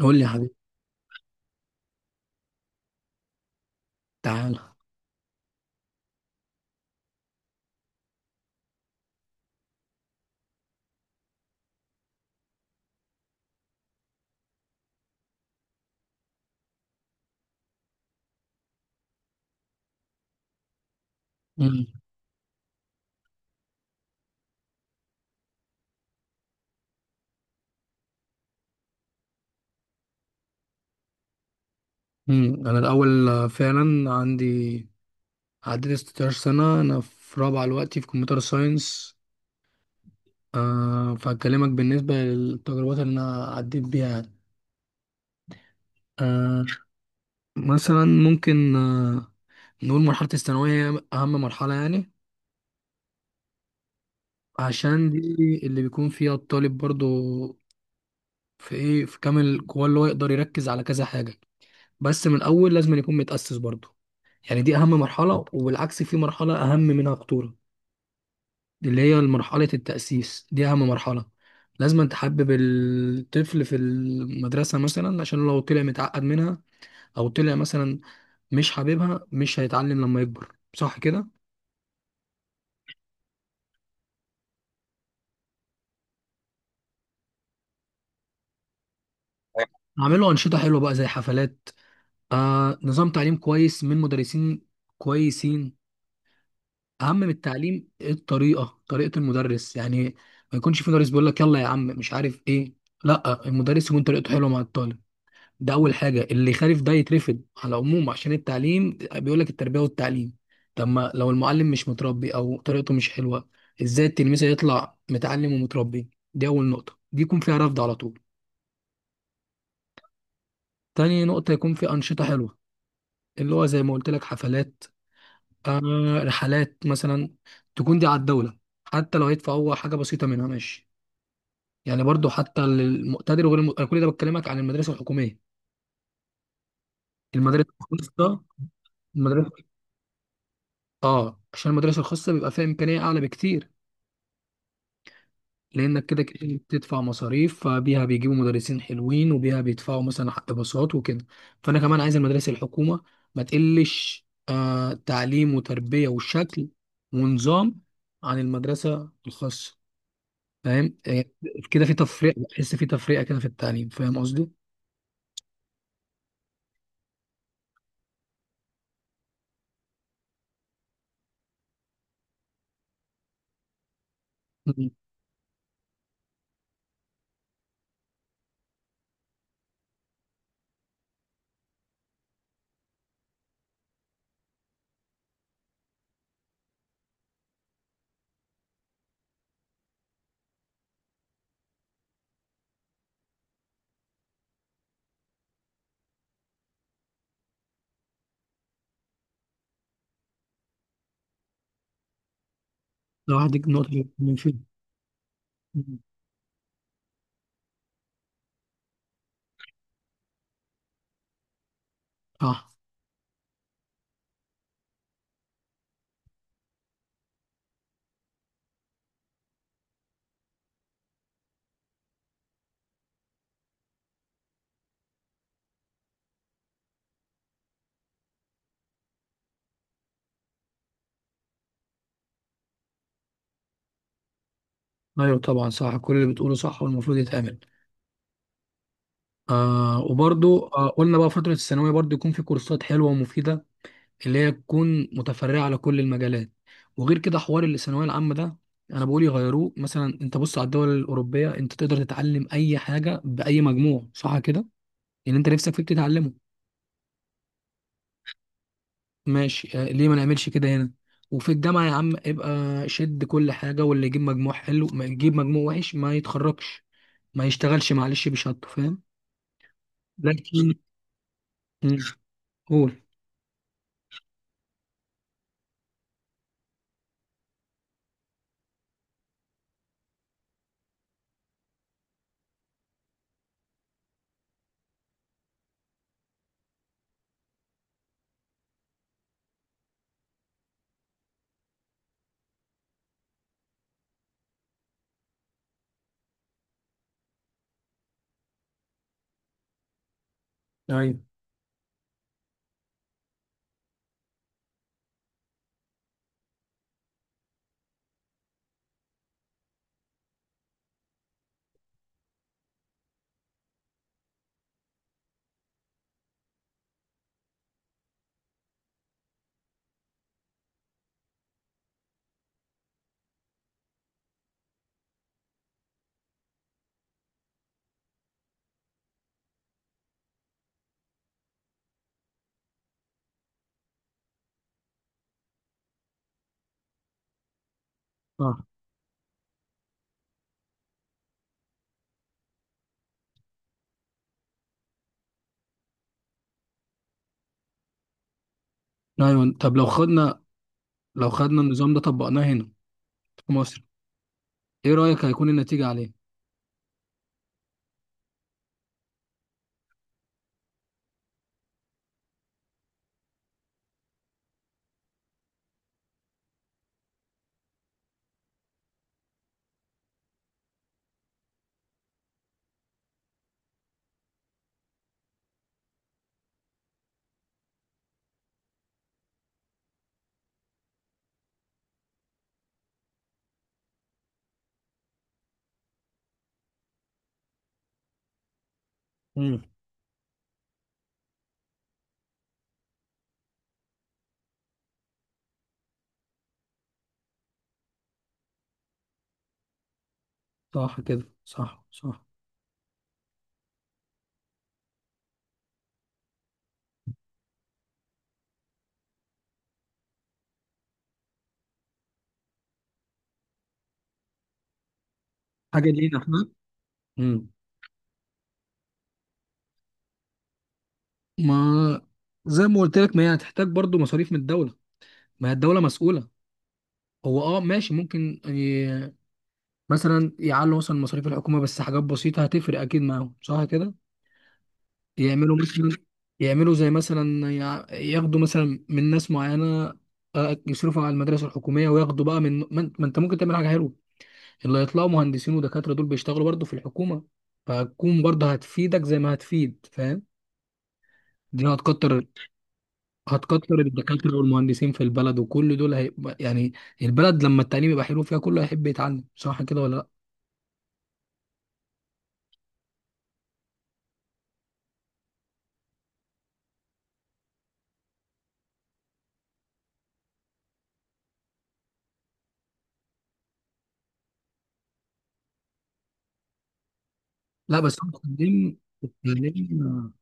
قول لي يا حبيبي. تعالى. مم. مم. انا الاول، فعلا عندي، عديت 16 سنه، انا في رابعه دلوقتي في كمبيوتر ساينس. فهكلمك بالنسبه للتجربات اللي انا عديت بيها يعني. أه مثلا ممكن نقول مرحله الثانويه هي اهم مرحله يعني، عشان دي اللي بيكون فيها الطالب برضو في ايه في كامل قواه، اللي هو يقدر يركز على كذا حاجه. بس من الاول لازم يكون متاسس برضو، يعني دي اهم مرحله. وبالعكس في مرحله اهم منها خطوره، دي اللي هي مرحلة التأسيس. دي أهم مرحلة. لازم تحبب الطفل في المدرسة مثلا، عشان لو طلع متعقد منها أو طلع مثلا مش حاببها، مش هيتعلم لما يكبر، صح كده؟ أعمله أنشطة حلوة بقى زي حفلات، نظام تعليم كويس من مدرسين كويسين. أهم من التعليم الطريقة، طريقة المدرس يعني. ما يكونش في مدرس بيقول لك يلا يا عم مش عارف إيه. لا، المدرس يكون طريقته حلوة مع الطالب. ده اول حاجه. اللي يخالف ده يترفض على العموم، عشان التعليم بيقول لك التربيه والتعليم. طب ما لو المعلم مش متربي او طريقته مش حلوه، ازاي التلميذ هيطلع متعلم ومتربي؟ دي اول نقطه، دي يكون فيها رفض على طول. تاني نقطه يكون في انشطه حلوه، اللي هو زي ما قلت لك حفلات، رحلات مثلا. تكون دي على الدوله، حتى لو هيدفع هو حاجه بسيطه منها ماشي. يعني برضو حتى للمقتدر وغير أنا كل ده بتكلمك عن المدرسه الحكوميه. المدرسه الخاصه المدرسه اه عشان المدرسة الخاصة بيبقى فيها إمكانية أعلى بكتير، لأنك كده كده بتدفع مصاريف، فبيها بيجيبوا مدرسين حلوين وبيها بيدفعوا مثلا حق باصات وكده. فأنا كمان عايز المدارس الحكومة ما تقلش تعليم وتربية وشكل ونظام عن المدرسة الخاصة. فاهم كده في تفرقة، بحس في تفرقة كده في التعليم، فاهم قصدي؟ مم. لو واحد يجيب نقطة من فين. مم. صح. أيوه طبعا صح، كل اللي بتقوله صح والمفروض يتعمل. وبرضو قلنا بقى فترة الثانوية برضو يكون في كورسات حلوة ومفيدة، اللي هي تكون متفرعة على كل المجالات. وغير كده حوار الثانوية العامة ده، أنا بقول يغيروه. مثلا أنت بص على الدول الأوروبية، أنت تقدر تتعلم أي حاجة بأي مجموع، صح كده؟ اللي أنت نفسك فيه بتتعلمه. ماشي، ليه ما نعملش كده هنا؟ وفي الجامعة يا عم ابقى شد كل حاجة. واللي يجيب مجموع حلو ما يجيب مجموع وحش ما يتخرجش، ما يشتغلش معلش بشهادته، فاهم؟ لكن مم، قول. ايوه، ايوه، طب لو خدنا النظام ده طبقناه هنا في مصر، ايه رأيك هيكون النتيجة عليه؟ امم. صح كده، صح، صح. حاجة لينا احنا. امم. ما زي ما قلت لك، ما هي هتحتاج برضو مصاريف من الدولة، ما هي الدولة مسؤولة. هو ماشي ممكن مثلا يعلوا مثلا مصاريف الحكومة، بس حاجات بسيطة هتفرق اكيد معاهم، صح كده. يعملوا مثلا، يعملوا زي مثلا ياخدوا مثلا من ناس معينة، يصرفوا على المدارس الحكومية، وياخدوا بقى من ما انت ممكن تعمل حاجة حلوة. اللي هيطلعوا مهندسين ودكاترة، دول بيشتغلوا برضه في الحكومة، فهتكون برضه هتفيدك زي ما هتفيد، فاهم. دي هتكتر الدكاترة والمهندسين في البلد، وكل دول هيبقى يعني البلد، لما التعليم يبقى حلو فيها كله هيحب يتعلم، صح كده ولا لا؟ لا بس هو التعليم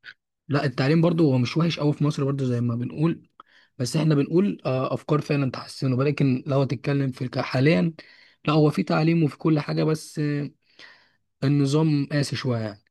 لا، التعليم برضه هو مش وحش قوي في مصر، برضه زي ما بنقول. بس احنا بنقول افكار فعلا تحسنه، ولكن لو هتتكلم في حاليا، لا، هو في تعليم وفي كل حاجة، بس النظام قاسي شوية يعني.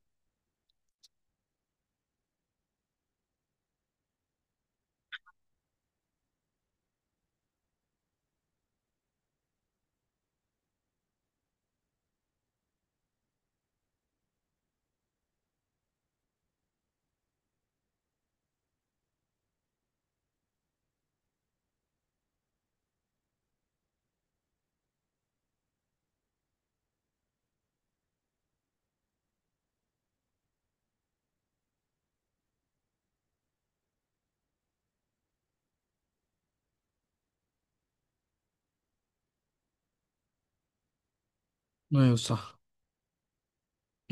ايوه صح.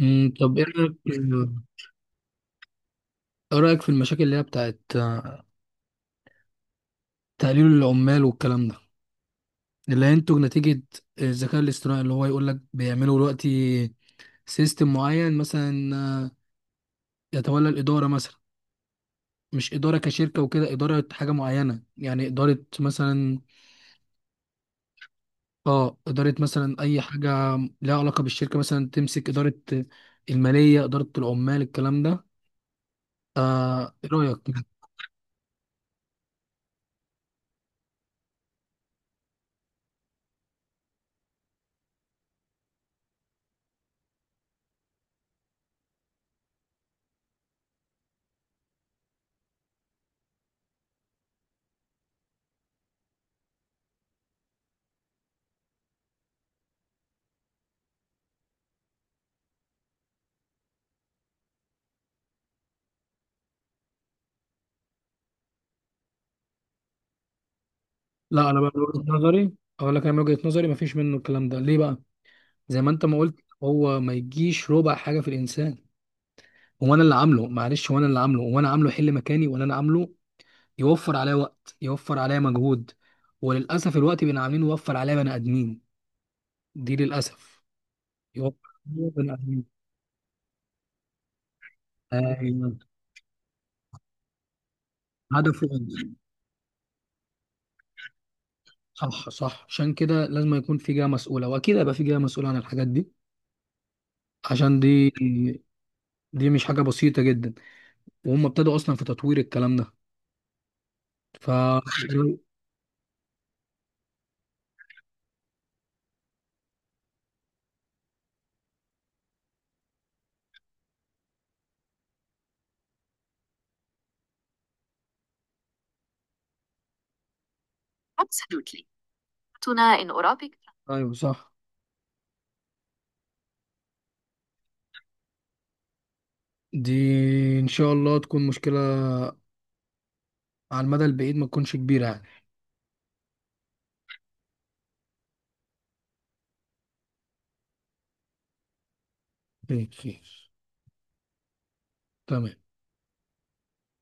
طب ايه رأيك في المشاكل اللي هي بتاعت تقليل العمال والكلام ده، اللي هينتج نتيجة الذكاء الاصطناعي. اللي هو يقول لك بيعملوا دلوقتي سيستم معين مثلا، يتولى الإدارة مثلا. مش إدارة كشركة وكده، إدارة حاجة معينة يعني، إدارة مثلا اه إدارة مثلا أي حاجة لها علاقة بالشركة، مثلا تمسك إدارة المالية، إدارة العمال، الكلام ده. إيه رأيك؟ لا، أنا بقى من وجهة نظري أقول لك، أنا من وجهة نظري مفيش منه الكلام ده، ليه بقى؟ زي ما انت ما قلت هو ما يجيش ربع حاجه في الانسان. هو انا اللي عامله، معلش، هو انا اللي عامله، هو انا عامله يحل مكاني ولا انا عامله يوفر عليا وقت، يوفر عليا مجهود. وللاسف الوقت بين عاملين يوفر عليا بني ادمين. دي للاسف. يوفر عليا بني ادمين. ايوه، هدفه إيه؟ صح، صح، عشان كده لازم يكون في جهه مسؤوله، واكيد هيبقى في جهه مسؤوله عن الحاجات دي. عشان دي مش حاجه بسيطه جدا. وهم ابتدوا اصلا في تطوير الكلام ده. ف Absolutely. تنا إن أرابيك. ايوه صح. دي ان شاء الله تكون مشكله على المدى البعيد ما تكونش كبيره يعني. خير، خير. تمام.